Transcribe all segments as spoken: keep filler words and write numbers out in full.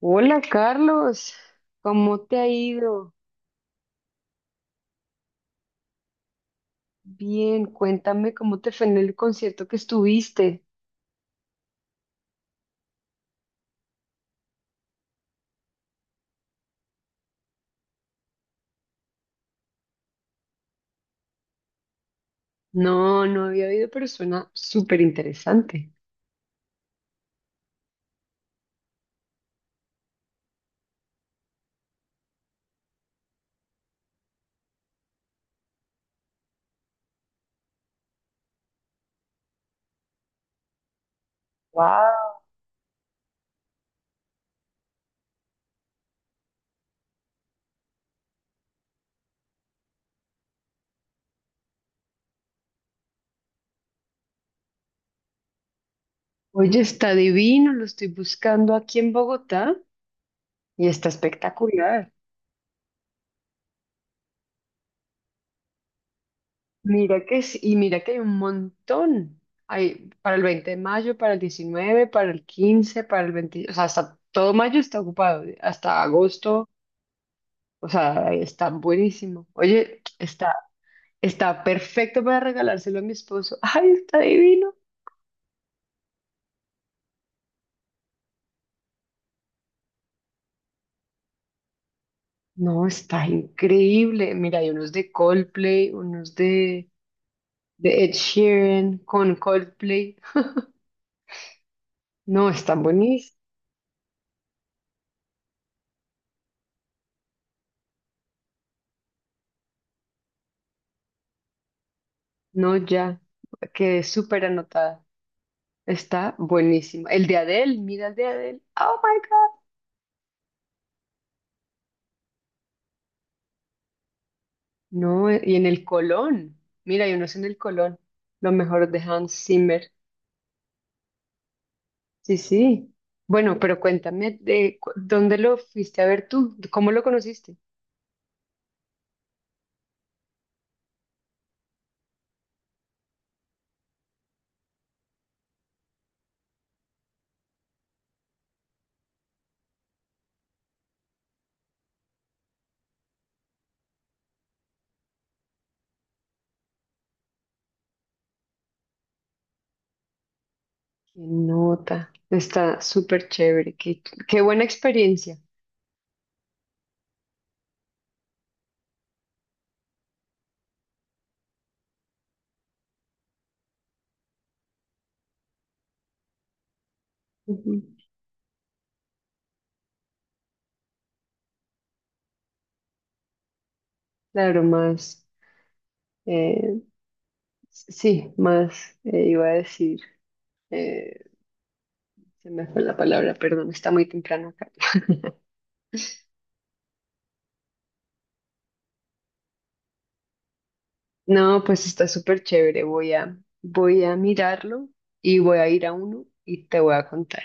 Hola Carlos, ¿cómo te ha ido? Bien, cuéntame cómo te fue en el concierto que estuviste. No, no había oído, pero suena súper interesante. Wow. Oye, está divino, lo estoy buscando aquí en Bogotá y está espectacular. Mira que sí, y mira que hay un montón. Hay para el veinte de mayo, para el diecinueve, para el quince, para el veinte, o sea, hasta todo mayo está ocupado, hasta agosto, o sea, está buenísimo. Oye, está. Está perfecto para regalárselo a mi esposo. ¡Ay, está divino! No, está increíble. Mira, hay unos de Coldplay, unos de, de Ed Sheeran con Coldplay. No, están buenísimos. No, ya. Quedé súper anotada. Está buenísimo. El de Adele, mira el de Adele. ¡Oh, my God! No, eh, y en el Colón. Mira, hay unos en el Colón. Lo mejor de Hans Zimmer. Sí, sí. Bueno, pero cuéntame de cu- dónde lo fuiste a ver tú, cómo lo conociste. Qué nota, está súper chévere, qué, qué buena experiencia. Ujú. Claro, más, eh, sí, más eh, iba a decir, eh, se me fue la palabra, perdón, está muy temprano acá. No, pues está súper chévere, voy a, voy a mirarlo y voy a ir a uno y te voy a contar.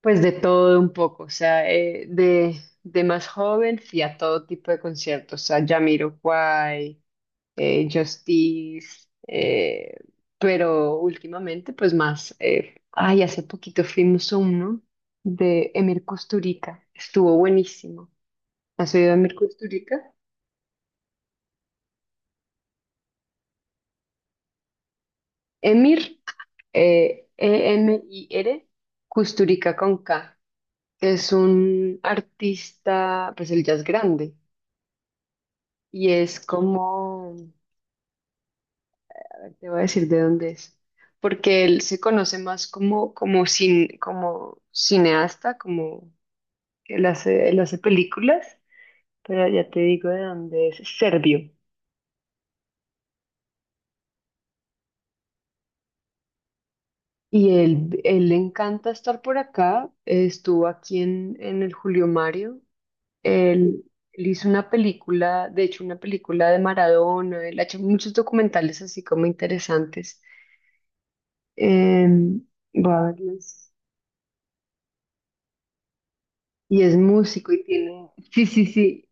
Pues de todo un poco, o sea, eh, de, de más joven fui a todo tipo de conciertos, a Jamiroquai, eh, Justice, eh, pero últimamente pues más, eh, ay, hace poquito fuimos a uno de Emir Kusturica, estuvo buenísimo. ¿Has oído de Emir Kusturica? Emir, eh, E M I R, Kusturica con K, es un artista, pues él ya es grande y es como, te voy a decir de dónde es porque él se conoce más como, como, cin- como cineasta, como. Él hace, él hace películas, pero ya te digo de dónde es, serbio. Y él, él le encanta estar por acá. eh, Estuvo aquí en, en el Julio Mario. Él, él hizo una película, de hecho, una película de Maradona. Él ha hecho muchos documentales así como interesantes. Em, voy a verlos. Y es músico y tiene. Sí, sí, sí.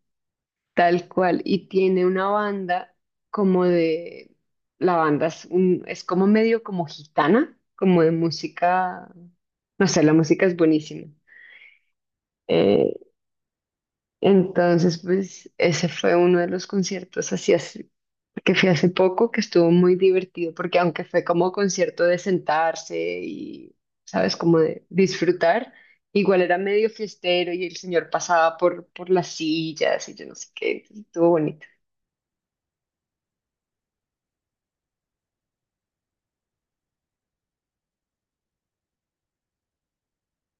Tal cual, y tiene una banda como de, la banda es, un- es como medio como gitana, como de música, no sé, la música es buenísima. Eh, entonces, pues ese fue uno de los conciertos así hace- que fui hace poco, que estuvo muy divertido, porque aunque fue como concierto de sentarse y, sabes, como de disfrutar, igual era medio fiestero y el señor pasaba por, por las sillas y yo no sé qué, entonces estuvo bonito.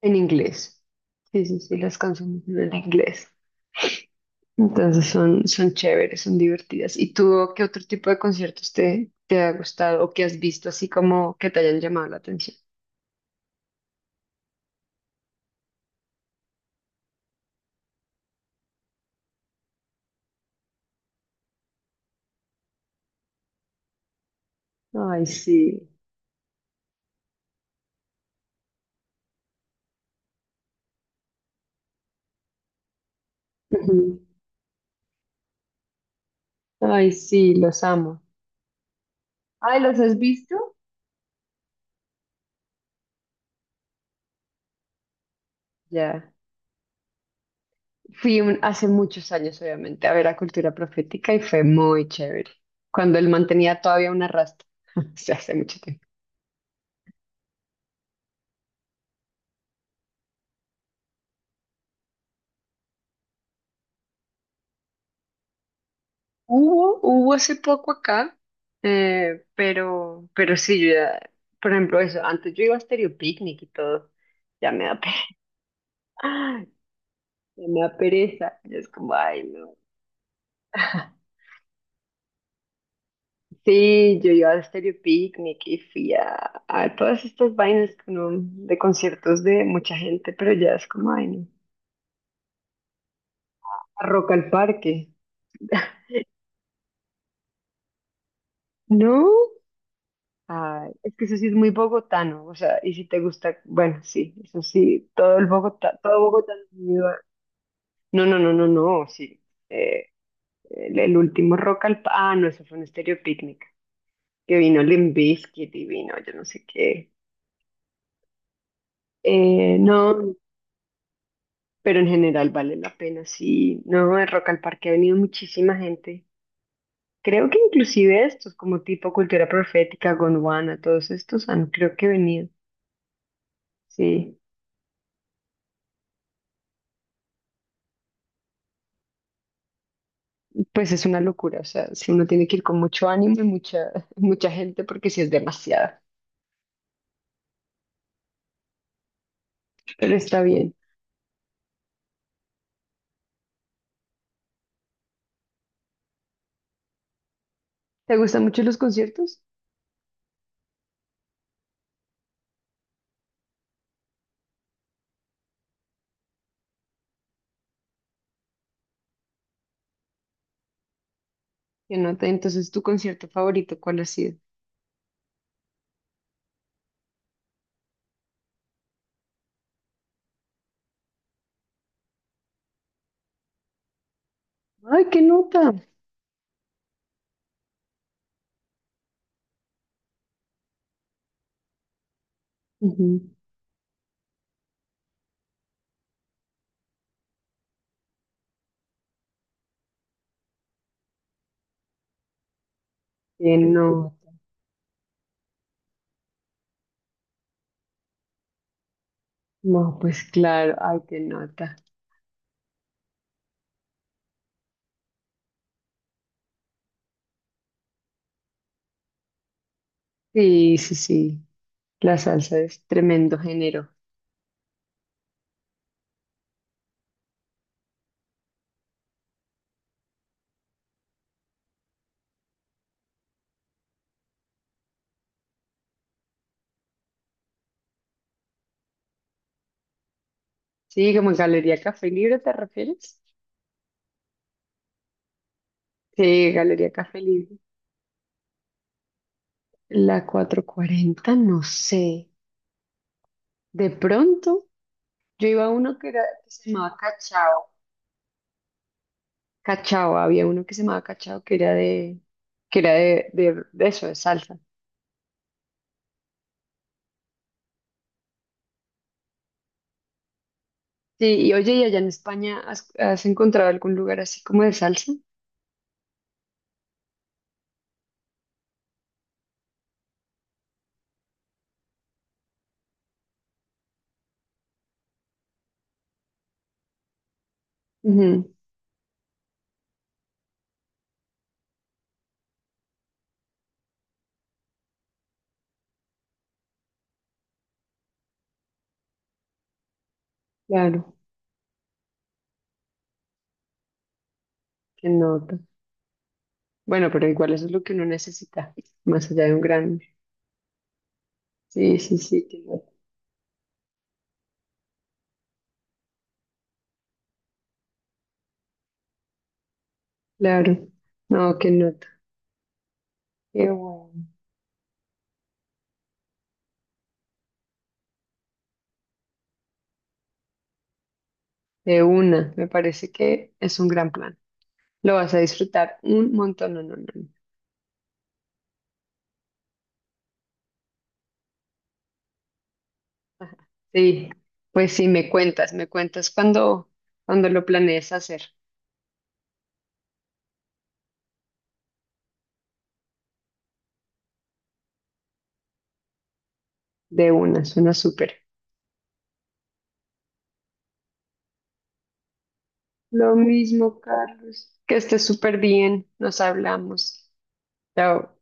En inglés. Sí, sí, sí, las canciones son en inglés. Entonces son, son chéveres, son divertidas. ¿Y tú qué otro tipo de conciertos te, te ha gustado o que has visto así como que te hayan llamado la atención? Ay, sí. Ujú. Ay, sí, los amo. Ay, ¿los has visto? Ya. Fui un- hace muchos años, obviamente, a ver a Cultura Profética y fue muy chévere. Cuando él mantenía todavía una rasta. O sea, hace mucho tiempo. Hubo, hubo hace poco acá, eh, pero, pero sí, yo ya, por ejemplo, eso, antes yo iba a Stereo Picnic y todo, ya me da pereza, ya me da pereza, ya es como, ay, no. Sí, yo iba a Stereo Picnic y fui a, a todas estas vainas que uno- de conciertos de mucha gente, pero ya es como, ay, no. A Rock al Parque. No. Ah, es que eso sí es muy bogotano, o sea, y si te gusta, bueno, sí, eso sí, todo el Bogotá, todo Bogotá. es muy ba- No, no, no, no, no, sí. eh, el, el último Rock al Pa- ah, no, eso fue un Estéreo Picnic, que vino Limp Bizkit y vino, yo no sé qué. Eh, no, pero en general vale la pena, sí. No, el Rock al Parque ha venido muchísima gente. Creo que inclusive estos, como tipo Cultura Profética, Gondwana, todos estos han, creo que venido, sí. Pues es una locura, o sea, si uno tiene que ir con mucho ánimo y mucha, mucha gente porque si es demasiada, pero está bien. ¿Te gustan mucho los conciertos? ¿Qué nota? Entonces, ¿tu concierto favorito cuál ha sido? ¡Ay, qué nota! Ujú. ¿Qué nota? No, pues claro, ¡ay, qué nota! Sí, sí, sí, la salsa es tremendo género. Sí, como en Galería Café Libre, ¿te refieres? Sí, Galería Café Libre. La cuatrocientos cuarenta, no sé. De pronto. Yo iba a uno que era que se llamaba Cachao. Cachao, había uno que se llamaba Cachao que era de, que era de, de, de eso, de salsa. Sí, y oye, ¿y allá en España has, has encontrado algún lugar así como de salsa? Ujú, claro, qué nota. Bueno, pero igual eso es lo que uno necesita, más allá de un gran. Sí, sí, sí, qué nota. Claro. No, qué nota. Qué bueno. De una, me parece que es un gran plan. Lo vas a disfrutar un montón, no, no, no. no. Sí, pues sí, me cuentas, me cuentas cuando, cuando lo planees hacer de una, suena súper. Lo mismo, Carlos. Que estés súper bien, nos hablamos. Chao.